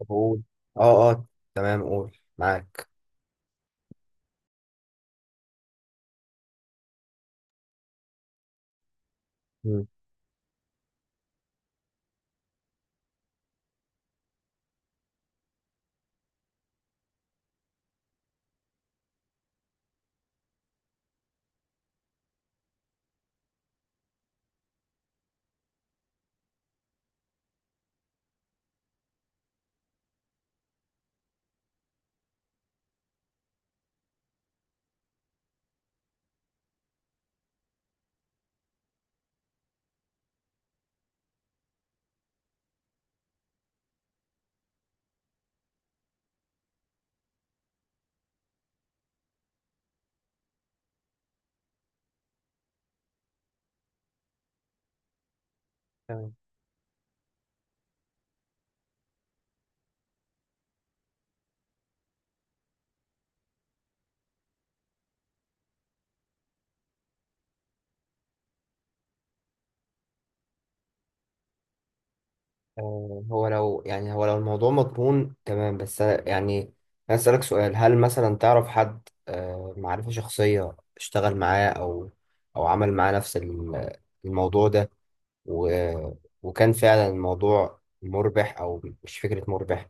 طب قول. اه اه. تمام، قول، معاك. مم. تمام. هو لو الموضوع مضمون تمام، يعني عايز أسألك سؤال. هل مثلا تعرف حد معرفة شخصية اشتغل معاه، أو عمل معاه نفس الموضوع ده، و وكان فعلا الموضوع مربح أو مش فكرة مربح،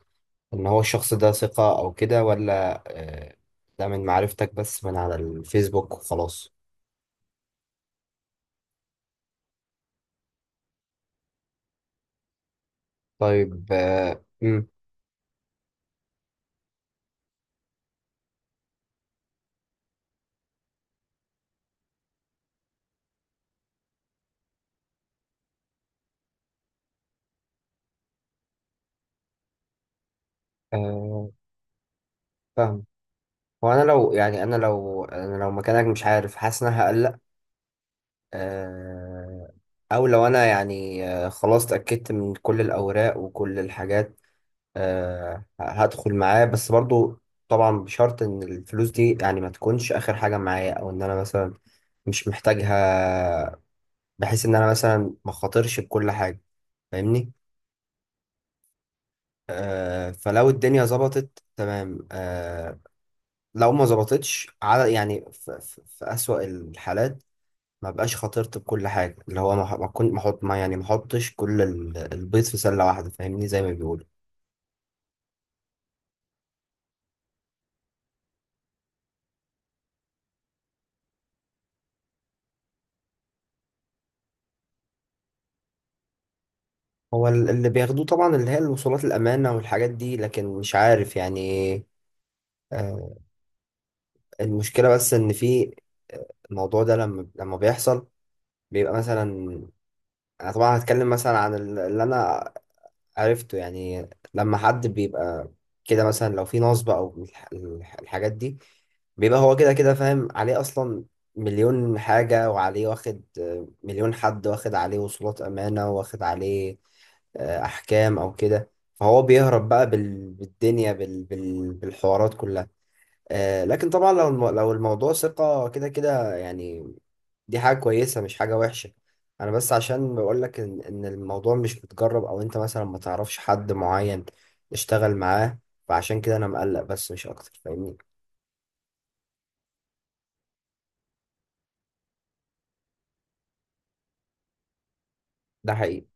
إن هو الشخص ده ثقة أو كده، ولا ده من معرفتك بس من على الفيسبوك وخلاص؟ طيب. مم. فاهم. هو انا لو مكانك، مش عارف، حاسس ان انا هقلق. آه، او لو انا يعني، خلاص اتاكدت من كل الاوراق وكل الحاجات، هدخل معاه. بس برضو طبعا بشرط ان الفلوس دي يعني ما تكونش اخر حاجه معايا، او ان انا مثلا مش محتاجها، بحيث ان انا مثلا ما خاطرش بكل حاجه. فاهمني؟ فلو الدنيا ظبطت تمام، لو ما ظبطتش، على يعني في أسوأ الحالات ما بقاش خاطرت بكل حاجه، اللي هو ما ح- ما كنت ما احط ما يعني ما احطش كل البيض في سله واحده. فاهمني، زي ما بيقولوا. هو اللي بياخدوه طبعا اللي هي الوصولات الامانه والحاجات دي، لكن مش عارف يعني. آه المشكله بس ان في الموضوع ده، لما بيحصل بيبقى مثلا، انا طبعا هتكلم مثلا عن اللي انا عرفته يعني. لما حد بيبقى كده، مثلا لو في نصب او الحاجات دي، بيبقى هو كده كده فاهم عليه اصلا مليون حاجة، وعليه واخد مليون حد، واخد عليه وصولات امانة، واخد عليه احكام او كده، فهو بيهرب بقى بالدنيا، بالحوارات كلها. لكن طبعا لو لو الموضوع ثقة، كده كده يعني دي حاجة كويسة مش حاجة وحشة. أنا بس عشان بقول لك إن الموضوع مش متجرب، أو أنت مثلا ما تعرفش حد معين تشتغل معاه، فعشان كده أنا مقلق، بس مش أكتر. فاهمني؟ ده حقيقي.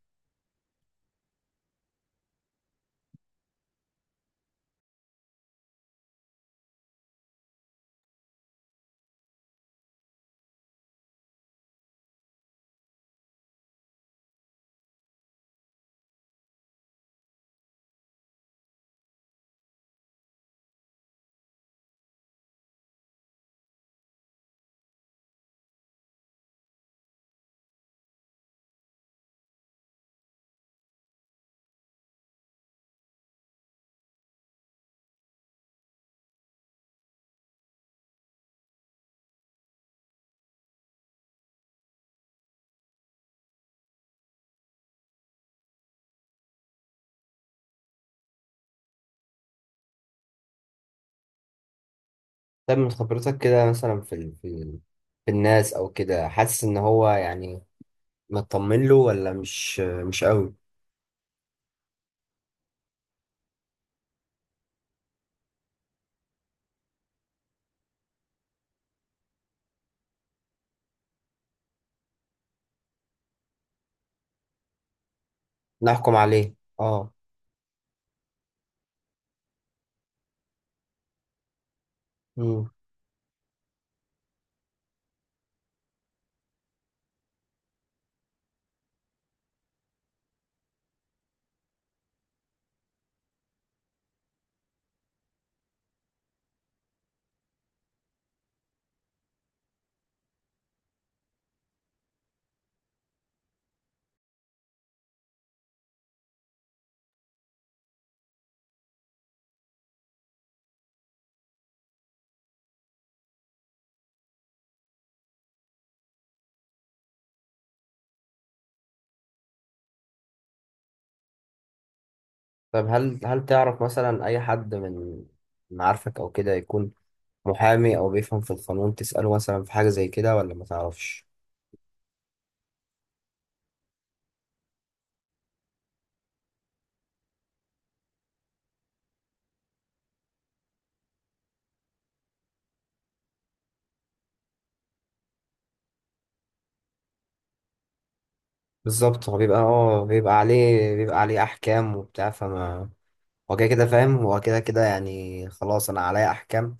طب من خبرتك كده، مثلا في الناس أو كده، حاسس إن هو يعني مطمن له، ولا مش قوي نحكم عليه؟ أه. مم. طب هل تعرف مثلا أي حد من معارفك أو كده يكون محامي أو بيفهم في القانون، تسأله مثلا في حاجة زي كده، ولا ما تعرفش؟ بالظبط. هو بيبقى عليه احكام وبتاع، فما هو كده كده فاهم، هو كده كده يعني خلاص انا عليا احكام.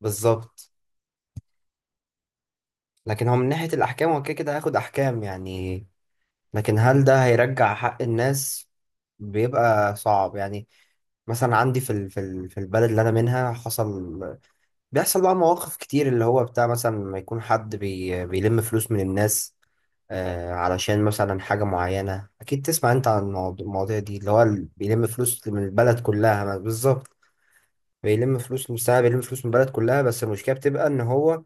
بالظبط. لكن هو من ناحية الاحكام، هو كده كده هياخد احكام يعني، لكن هل ده هيرجع حق الناس؟ بيبقى صعب يعني. مثلا عندي في البلد اللي انا منها، حصل بيحصل بقى مواقف كتير، اللي هو بتاع مثلا لما يكون حد بيلم فلوس من الناس علشان مثلا حاجة معينة. أكيد تسمع أنت عن المواضيع دي، اللي هو بيلم فلوس من البلد كلها بالظبط. بيلم فلوس من البلد كلها، بس المشكلة بتبقى إن هو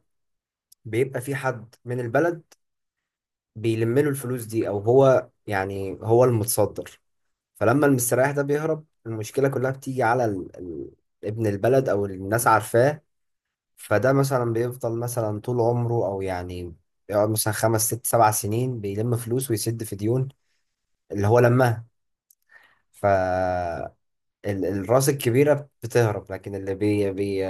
بيبقى في حد من البلد بيلم له الفلوس دي، أو هو، يعني هو المتصدر، فلما المستريح ده بيهرب المشكلة كلها بتيجي على ابن البلد أو الناس عارفاه. فده مثلا بيفضل مثلا طول عمره، او يعني يقعد مثلا 5 6 7 سنين بيلم فلوس ويسد في ديون اللي هو لماها. فالراس الكبيره بتهرب، لكن اللي بي, بي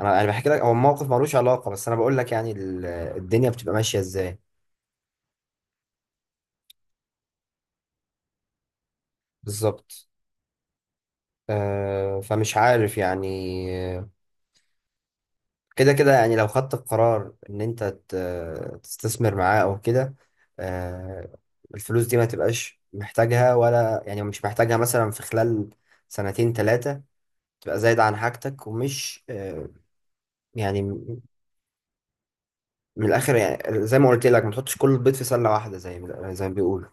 انا بحكي لك. هو موقف ملوش علاقه، بس انا بقول لك يعني الدنيا بتبقى ماشيه ازاي. بالظبط. فمش عارف يعني، كده كده يعني لو خدت القرار ان انت تستثمر معاه او كده، آه، الفلوس دي ما تبقاش محتاجها، ولا يعني مش محتاجها مثلا في خلال سنتين ثلاثة، تبقى زايدة عن حاجتك. ومش يعني من الآخر يعني، زي ما قلت لك، ما تحطش كل البيض في سلة واحدة، زي ما بيقولوا.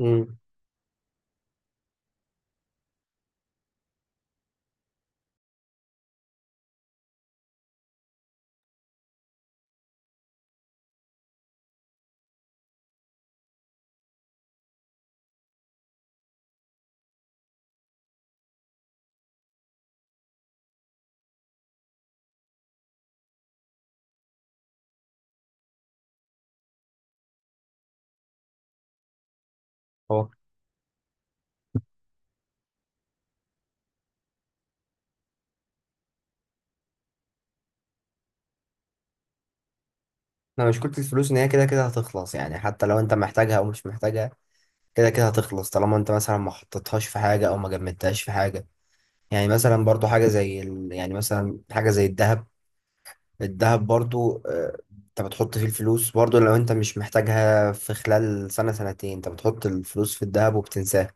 امم هو، انا مشكلة الفلوس ان هي كده كده هتخلص يعني، حتى لو انت محتاجها او مش محتاجها كده كده هتخلص، طالما انت مثلا ما حطيتهاش في حاجة، او ما جمدتهاش في حاجة. يعني مثلا برضو حاجة زي يعني مثلا حاجة زي الذهب. الذهب برضو، انت بتحط فيه الفلوس، برضو لو انت مش محتاجها في خلال سنة سنتين، انت بتحط الفلوس في الذهب وبتنساها،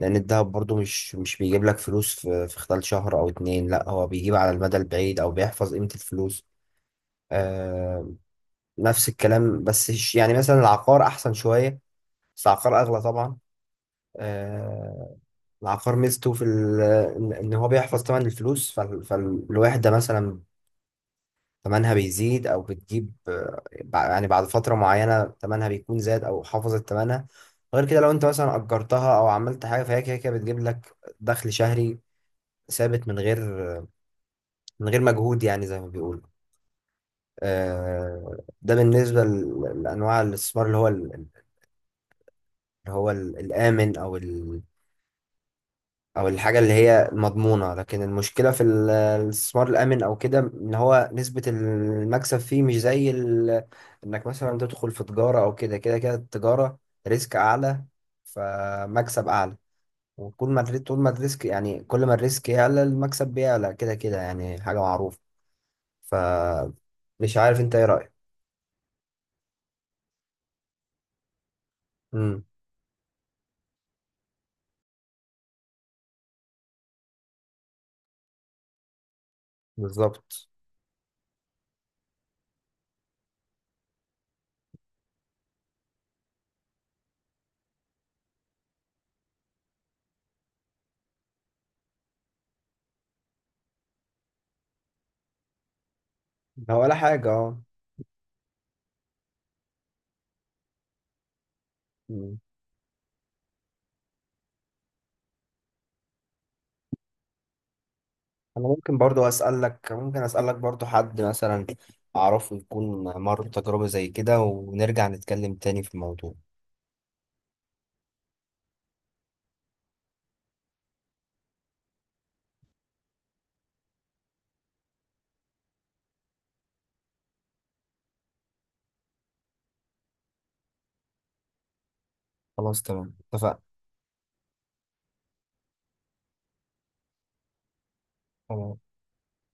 لأن الذهب برضو مش بيجيب لك فلوس في خلال شهر أو اتنين. لا، هو بيجيب على المدى البعيد، أو بيحفظ قيمة الفلوس. آه... نفس الكلام، بس يعني مثلا العقار أحسن شوية، بس العقار أغلى طبعا. آه... العقار ميزته ان هو بيحفظ طبعا الفلوس. فالواحد ده مثلا تمنها بيزيد، او بتجيب يعني بعد فتره معينه تمنها بيكون زاد، او حافظت تمنها. غير كده لو انت مثلا اجرتها او عملت حاجه، فهي كده كده بتجيب لك دخل شهري ثابت من غير مجهود، يعني زي ما بيقولوا. ده بالنسبه لانواع الاستثمار، اللي هو الامن او الحاجه اللي هي مضمونه. لكن المشكله في الاستثمار الامن او كده، ان هو نسبه المكسب فيه مش زي انك مثلا تدخل في تجاره او كده كده التجاره ريسك اعلى، فمكسب اعلى. وكل ما الري- طول ما الريسك يعني كل ما الريسك يعلى المكسب بيعلى، كده كده يعني، حاجه معروفه. ف مش عارف انت ايه رايك. امم بالظبط. هو ولا حاجه، اه. امم. انا ممكن برضو اسالك، ممكن اسالك برضو حد مثلا اعرفه يكون مر بتجربة زي كده، ونرجع نتكلم تاني في الموضوع. خلاص تمام، اتفقنا.